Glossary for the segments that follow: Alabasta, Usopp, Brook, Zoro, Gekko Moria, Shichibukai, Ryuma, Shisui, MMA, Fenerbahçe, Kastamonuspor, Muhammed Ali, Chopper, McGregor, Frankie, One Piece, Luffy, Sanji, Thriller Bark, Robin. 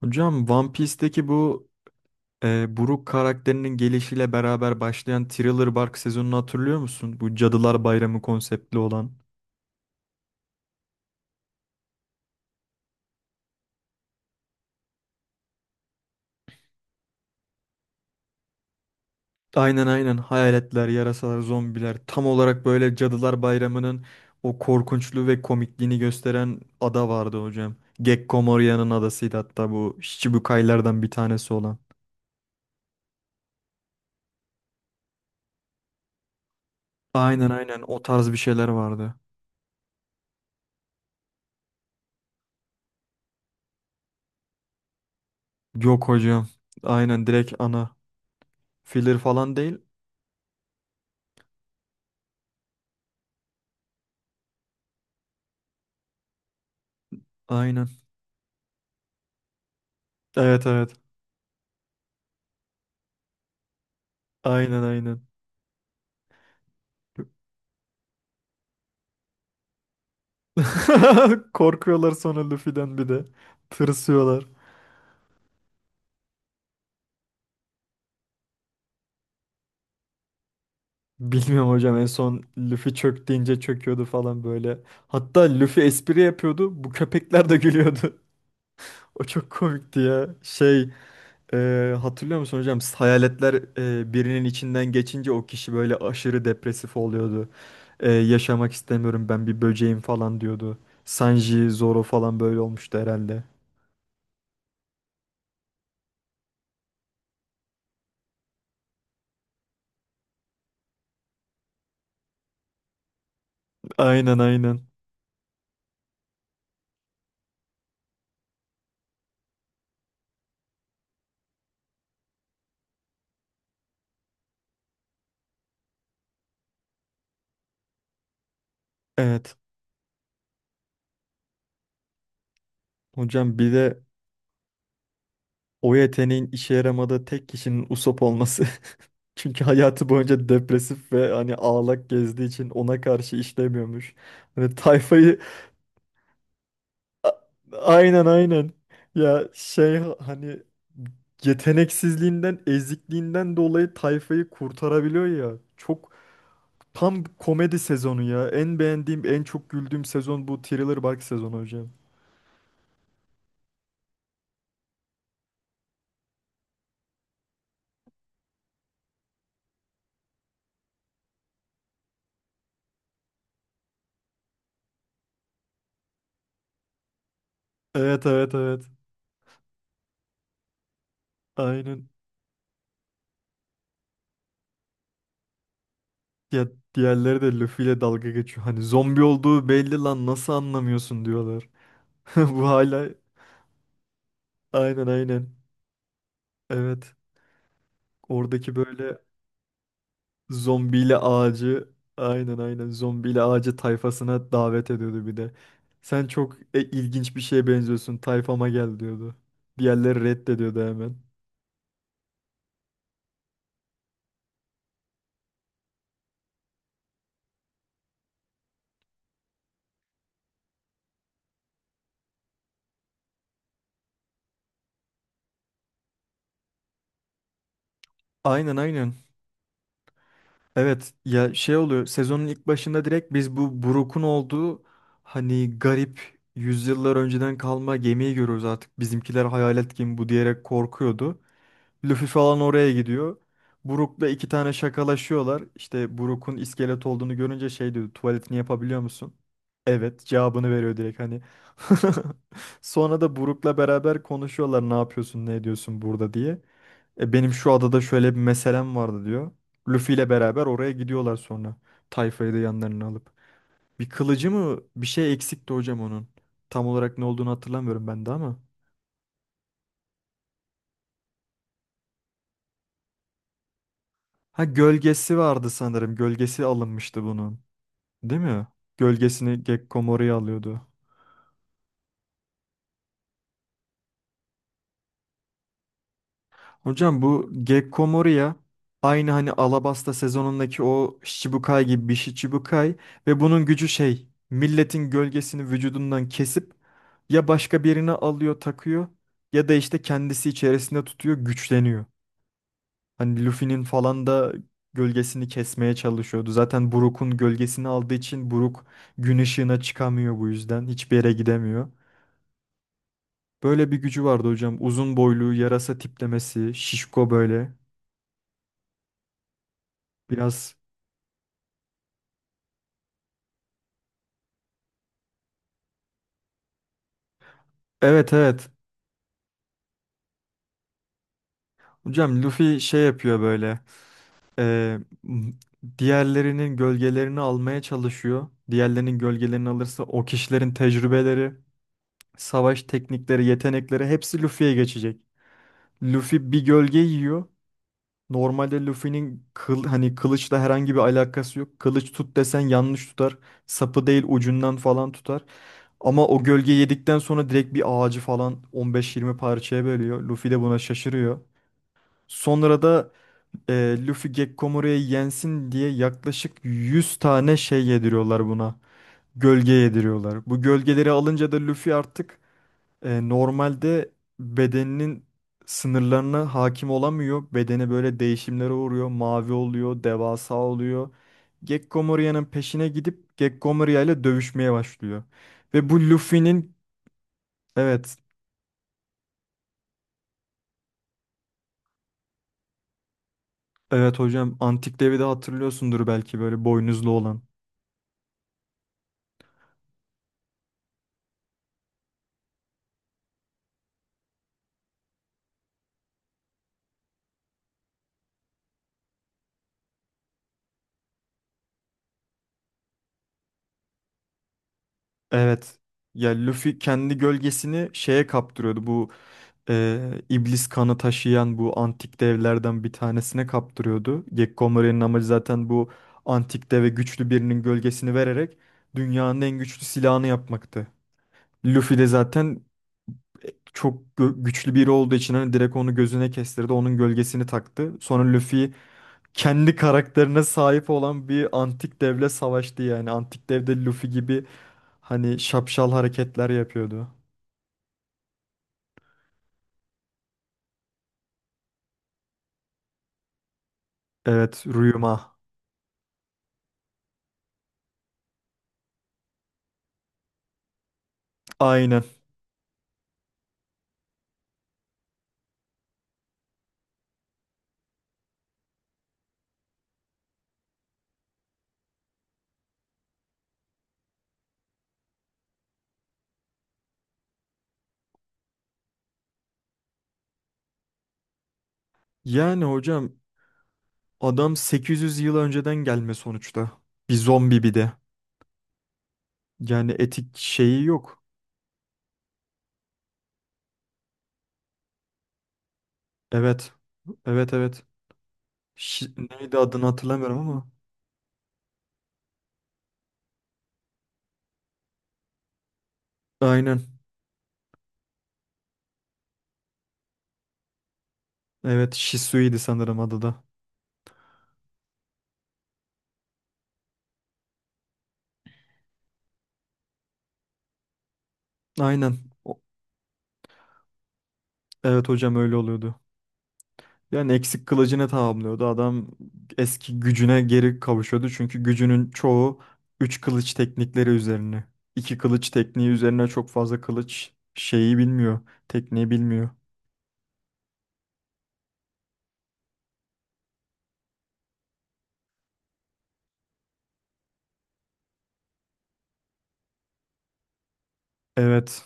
Hocam One Piece'teki bu Brook karakterinin gelişiyle beraber başlayan Thriller Bark sezonunu hatırlıyor musun? Bu Cadılar Bayramı konseptli olan. Aynen, hayaletler, yarasalar, zombiler, tam olarak böyle Cadılar Bayramı'nın o korkunçluğu ve komikliğini gösteren ada vardı hocam. Gekko Moria'nın adasıydı hatta, bu Shichibukai'lerden bir tanesi olan. Aynen, o tarz bir şeyler vardı. Yok hocam. Aynen, direkt ana. Filler falan değil. Aynen. Evet, evet. Aynen, aynen. Korkuyorlar sonra Luffy'den bir de. Tırsıyorlar. Bilmiyorum hocam, en son Luffy çök deyince çöküyordu falan böyle. Hatta Luffy espri yapıyordu. Bu köpekler de gülüyordu. O çok komikti ya. Hatırlıyor musun hocam? Hayaletler birinin içinden geçince o kişi böyle aşırı depresif oluyordu. Yaşamak istemiyorum, ben bir böceğim falan diyordu. Sanji, Zoro falan böyle olmuştu herhalde. Aynen. Evet. Hocam bir de o yeteneğin işe yaramadığı tek kişinin Usopp olması. Çünkü hayatı boyunca depresif ve hani ağlak gezdiği için ona karşı işlemiyormuş. Hani tayfayı A- aynen, aynen. Ya şey hani yeteneksizliğinden, ezikliğinden dolayı tayfayı kurtarabiliyor ya. Çok, tam komedi sezonu ya. En beğendiğim, en çok güldüğüm sezon bu Thriller Bark sezonu hocam. Evet, evet, evet. Aynen. Ya diğerleri de Luffy ile dalga geçiyor. Hani zombi olduğu belli lan, nasıl anlamıyorsun diyorlar. Bu hala aynen, aynen. Evet. Oradaki böyle zombiyle ağacı, aynen aynen, zombiyle ağacı tayfasına davet ediyordu bir de. Sen çok ilginç bir şeye benziyorsun, tayfama gel diyordu. Diğerleri reddediyordu hemen. Aynen. Evet, ya şey oluyor sezonun ilk başında, direkt biz bu Brook'un olduğu hani garip yüzyıllar önceden kalma gemiyi görüyoruz artık. Bizimkiler hayalet gemi bu diyerek korkuyordu. Luffy falan oraya gidiyor. Brook'la iki tane şakalaşıyorlar. İşte Brook'un iskelet olduğunu görünce şey diyor, tuvaletini yapabiliyor musun? Evet cevabını veriyor direkt hani. Sonra da Brook'la beraber konuşuyorlar, ne yapıyorsun ne ediyorsun burada diye. Benim şu adada şöyle bir meselem vardı diyor. Luffy ile beraber oraya gidiyorlar sonra. Tayfayı da yanlarına alıp. Bir kılıcı mı bir şey eksikti hocam onun. Tam olarak ne olduğunu hatırlamıyorum ben de ama. Ha, gölgesi vardı sanırım. Gölgesi alınmıştı bunun. Değil mi? Gölgesini Gekko Moria alıyordu. Hocam bu Gekko Moria, aynı hani Alabasta sezonundaki o Shichibukai gibi bir Shichibukai, ve bunun gücü şey, milletin gölgesini vücudundan kesip ya başka birine alıyor takıyor ya da işte kendisi içerisinde tutuyor, güçleniyor. Hani Luffy'nin falan da gölgesini kesmeye çalışıyordu. Zaten Brook'un gölgesini aldığı için Brook gün ışığına çıkamıyor, bu yüzden hiçbir yere gidemiyor. Böyle bir gücü vardı hocam. Uzun boylu, yarasa tiplemesi, şişko böyle. Biraz. Evet, evet. Hocam Luffy şey yapıyor böyle. e, m- Diğerlerinin gölgelerini almaya çalışıyor. Diğerlerinin gölgelerini alırsa o kişilerin tecrübeleri, savaş teknikleri, yetenekleri hepsi Luffy'ye geçecek. Luffy bir gölge yiyor. Normalde Luffy'nin hani kılıçla herhangi bir alakası yok. Kılıç tut desen yanlış tutar. Sapı değil ucundan falan tutar. Ama o gölge yedikten sonra direkt bir ağacı falan 15-20 parçaya bölüyor. Luffy de buna şaşırıyor. Sonra da Luffy Gekkomoru'ya yensin diye yaklaşık 100 tane şey yediriyorlar buna. Gölge yediriyorlar. Bu gölgeleri alınca da Luffy artık, normalde bedeninin sınırlarına hakim olamıyor. Bedeni böyle değişimlere uğruyor. Mavi oluyor, devasa oluyor. Gekkomoria'nın peşine gidip Gekkomoria ile dövüşmeye başlıyor. Ve bu Luffy'nin, evet, evet hocam antik devi de hatırlıyorsundur belki, böyle boynuzlu olan. Evet. Ya Luffy kendi gölgesini şeye kaptırıyordu. Bu e, iblis kanı taşıyan bu antik devlerden bir tanesine kaptırıyordu. Gekko Morei'nin amacı zaten bu antik deve güçlü birinin gölgesini vererek dünyanın en güçlü silahını yapmaktı. Luffy de zaten güçlü biri olduğu için hani direkt onu gözüne kestirdi. Onun gölgesini taktı. Sonra Luffy kendi karakterine sahip olan bir antik devle savaştı yani. Antik devde Luffy gibi hani şapşal hareketler yapıyordu. Evet, Ryuma. Aynen. Yani hocam adam 800 yıl önceden gelme sonuçta. Bir zombi bir de. Yani etik şeyi yok. Evet. Evet, evet. Neydi adını hatırlamıyorum ama. Aynen. Evet, Shisui'ydi sanırım adı da. Aynen. O- Evet hocam öyle oluyordu. Yani eksik kılıcını tamamlıyordu. Adam eski gücüne geri kavuşuyordu. Çünkü gücünün çoğu 3 kılıç teknikleri üzerine. İki kılıç tekniği üzerine çok fazla kılıç şeyi bilmiyor. Tekniği bilmiyor. Evet.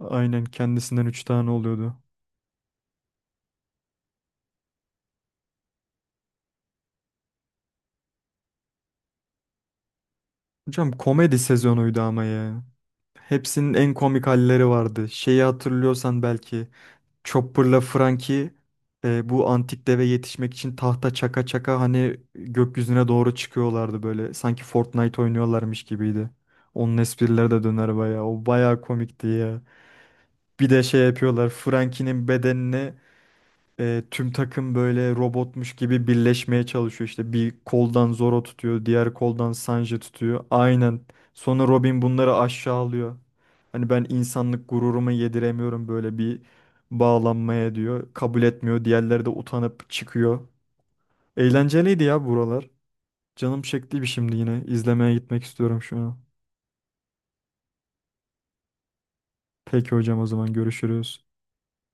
Aynen, kendisinden 3 tane oluyordu. Hocam komedi sezonuydu ama ya. Hepsinin en komik halleri vardı. Şeyi hatırlıyorsan belki, Chopper'la Frankie bu antik deve yetişmek için tahta çaka çaka hani gökyüzüne doğru çıkıyorlardı böyle. Sanki Fortnite oynuyorlarmış gibiydi. Onun esprileri de döner bayağı. O bayağı komikti ya. Bir de şey yapıyorlar. Frankie'nin bedenini, tüm takım böyle robotmuş gibi birleşmeye çalışıyor. İşte bir koldan Zoro tutuyor, diğer koldan Sanji tutuyor. Aynen. Sonra Robin bunları aşağılıyor. Hani ben insanlık gururumu yediremiyorum böyle bir bağlanmaya diyor. Kabul etmiyor. Diğerleri de utanıp çıkıyor. Eğlenceliydi ya buralar. Canım çektiydi şimdi yine. İzlemeye gitmek istiyorum şu an. Peki hocam, o zaman görüşürüz.